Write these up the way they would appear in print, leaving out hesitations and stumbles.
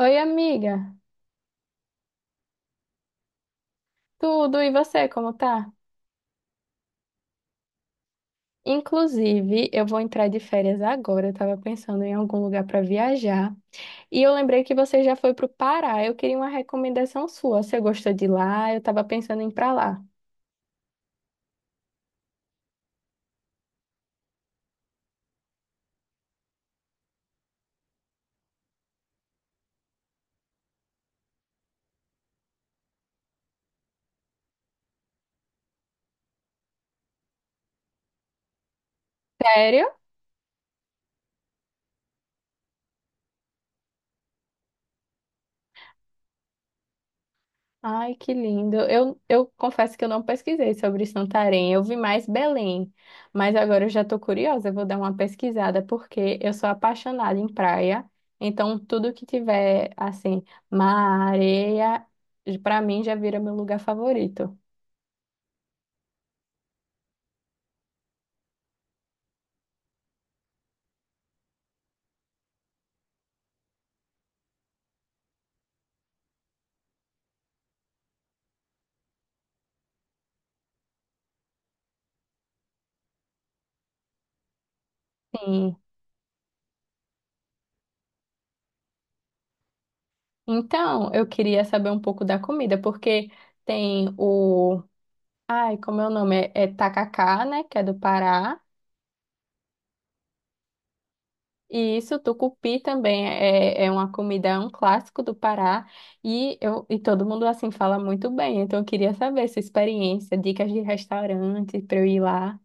Oi, amiga. Tudo, e você, como tá? Inclusive, eu vou entrar de férias agora. Eu tava pensando em algum lugar pra viajar. E eu lembrei que você já foi pro Pará. Eu queria uma recomendação sua. Você gostou de lá? Eu tava pensando em ir pra lá. Sério? Ai, que lindo. Eu confesso que eu não pesquisei sobre Santarém. Eu vi mais Belém, mas agora eu já estou curiosa. Eu vou dar uma pesquisada porque eu sou apaixonada em praia. Então, tudo que tiver assim, mar, areia, para mim já vira meu lugar favorito. Sim. Então, eu queria saber um pouco da comida, porque tem o. Ai, como é o nome? É, tacacá, né? Que é do Pará. E isso, tucupi também é uma comida, é um clássico do Pará e, eu, e todo mundo assim fala muito bem. Então eu queria saber sua experiência, dicas de restaurante para eu ir lá.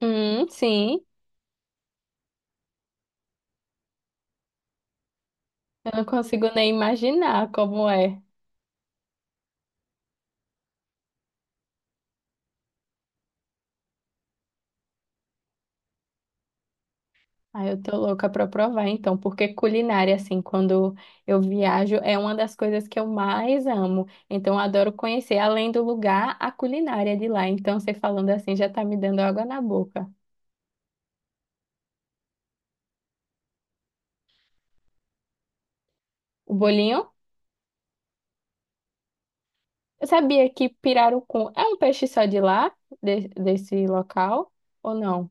Sim, eu não consigo nem imaginar como é. Ah, eu tô louca pra provar então, porque culinária assim, quando eu viajo é uma das coisas que eu mais amo. Então eu adoro conhecer além do lugar, a culinária de lá. Então você falando assim já tá me dando água na boca. O bolinho? Eu sabia que pirarucu é um peixe só de lá, desse local, ou não?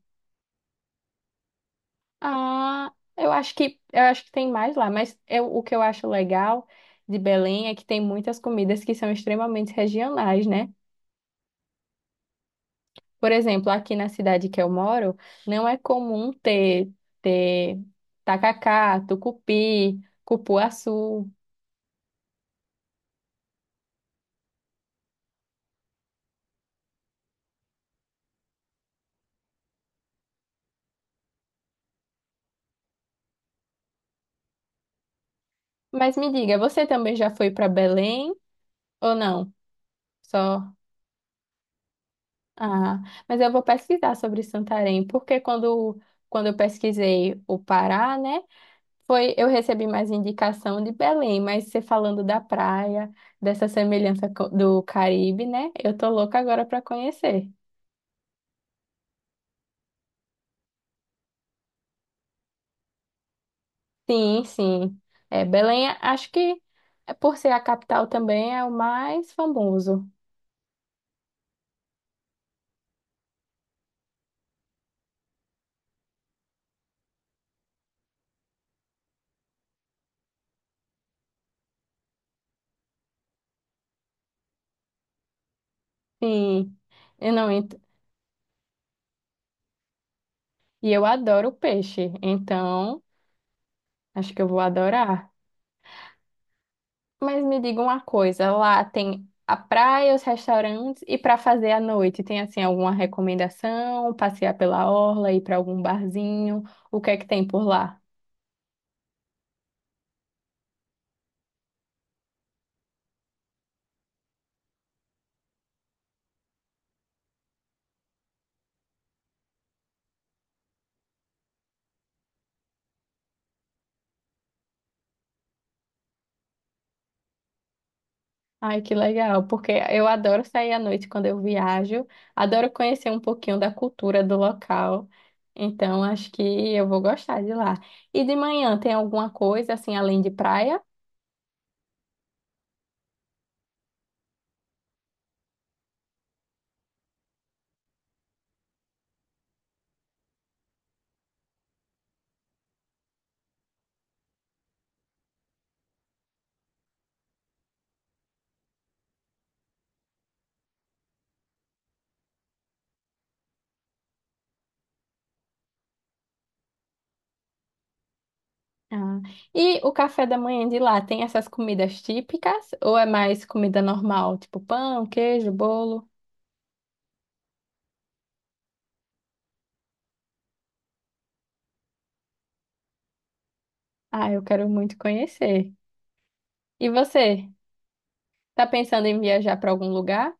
Ah, eu acho que tem mais lá, o que eu acho legal de Belém é que tem muitas comidas que são extremamente regionais, né? Por exemplo, aqui na cidade que eu moro, não é comum ter, ter tacacá, tucupi, cupuaçu. Mas me diga, você também já foi para Belém ou não? Só. Ah, mas eu vou pesquisar sobre Santarém, porque quando eu pesquisei o Pará, né, foi, eu recebi mais indicação de Belém, mas você falando da praia, dessa semelhança do Caribe, né, eu tô louca agora para conhecer. Sim, sim. É, Belém, acho que é, por ser a capital também é o mais famoso. Sim, eu não, e eu adoro peixe, então acho que eu vou adorar. Mas me diga uma coisa, lá tem a praia, os restaurantes e para fazer à noite, tem assim alguma recomendação? Passear pela orla, ir para algum barzinho? O que é que tem por lá? Ai, que legal, porque eu adoro sair à noite quando eu viajo, adoro conhecer um pouquinho da cultura do local. Então, acho que eu vou gostar de lá. E de manhã tem alguma coisa assim além de praia? Ah. E o café da manhã de lá tem essas comidas típicas ou é mais comida normal, tipo pão, queijo, bolo? Ah, eu quero muito conhecer. E você, tá pensando em viajar para algum lugar?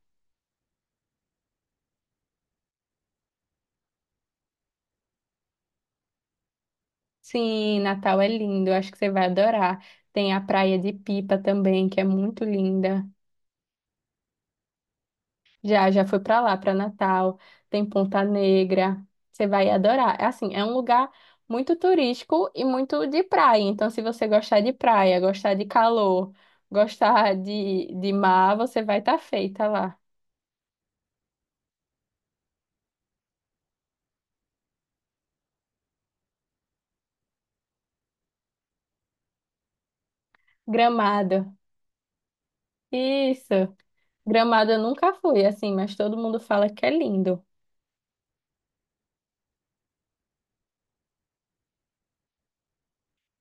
Sim, Natal é lindo, eu acho que você vai adorar. Tem a Praia de Pipa também, que é muito linda. Já, já foi para lá, para Natal. Tem Ponta Negra. Você vai adorar. É assim, é um lugar muito turístico e muito de praia. Então, se você gostar de praia, gostar de calor, gostar de mar, você vai estar feita lá. Gramado. Isso. Gramado eu nunca fui, assim, mas todo mundo fala que é lindo.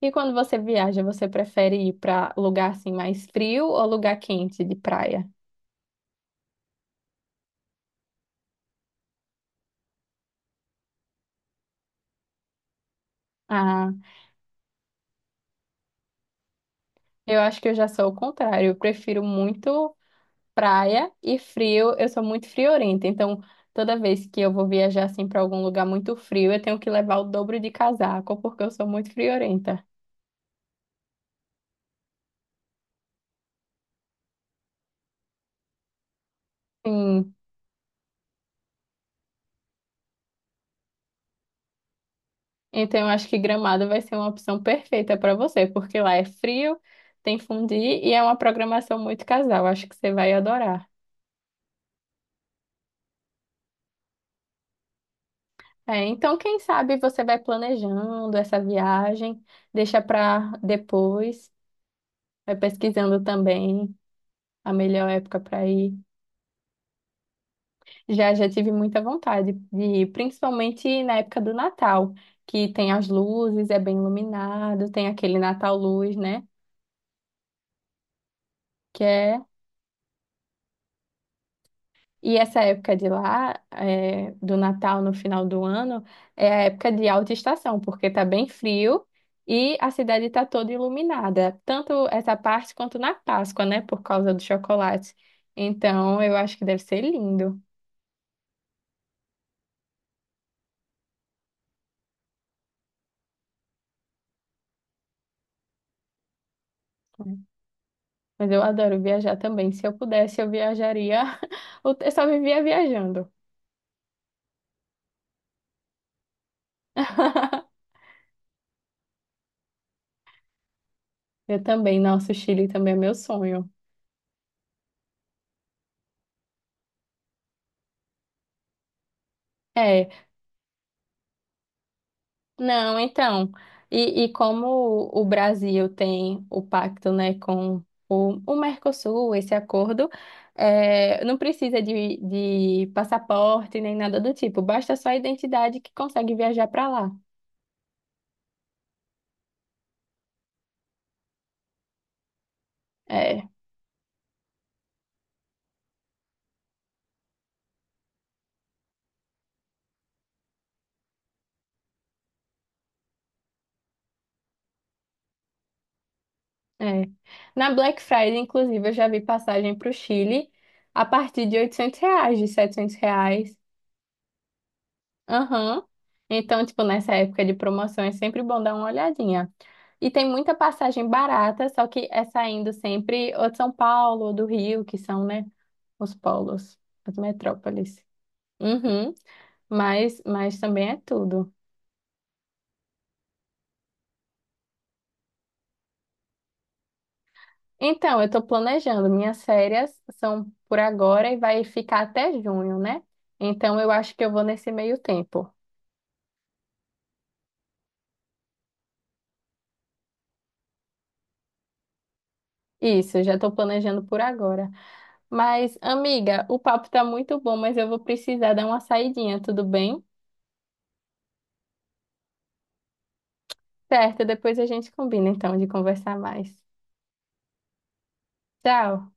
E quando você viaja, você prefere ir para lugar assim mais frio ou lugar quente de praia? Ah, eu acho que eu já sou o contrário. Eu prefiro muito. Praia e frio, eu sou muito friorenta, então toda vez que eu vou viajar assim para algum lugar muito frio, eu tenho que levar o dobro de casaco, porque eu sou muito friorenta. Sim. Então eu acho que Gramado vai ser uma opção perfeita para você, porque lá é frio, tem fundi e é uma programação muito casal, acho que você vai adorar. É, então quem sabe você vai planejando essa viagem, deixa para depois, vai pesquisando também a melhor época para ir. Já, já tive muita vontade de ir, principalmente na época do Natal, que tem as luzes, é bem iluminado, tem aquele Natal Luz, né? Que é... E essa época de lá, é, do Natal no final do ano, é a época de alta estação, porque tá bem frio e a cidade tá toda iluminada, tanto essa parte quanto na Páscoa, né? Por causa do chocolate. Então, eu acho que deve ser lindo. Mas eu adoro viajar também. Se eu pudesse, eu viajaria. Eu só vivia viajando. Eu também, nossa, o Chile também é meu sonho. É, não, então, e como o Brasil tem o pacto, né, com o Mercosul, esse acordo, é, não precisa de passaporte nem nada do tipo, basta só a identidade que consegue viajar para lá. É. É. Na Black Friday, inclusive, eu já vi passagem para o Chile a partir de R$ 800, de 700 reais. Aham. Então, tipo, nessa época de promoção é sempre bom dar uma olhadinha. E tem muita passagem barata, só que é saindo sempre ou de São Paulo ou do Rio, que são, né, os polos, as metrópoles. Uhum. Mas também é tudo. Então, eu estou planejando. Minhas férias são por agora e vai ficar até junho, né? Então, eu acho que eu vou nesse meio tempo. Isso, eu já estou planejando por agora. Mas, amiga, o papo está muito bom, mas eu vou precisar dar uma saidinha, tudo bem? Certo, depois a gente combina então de conversar mais. Tchau.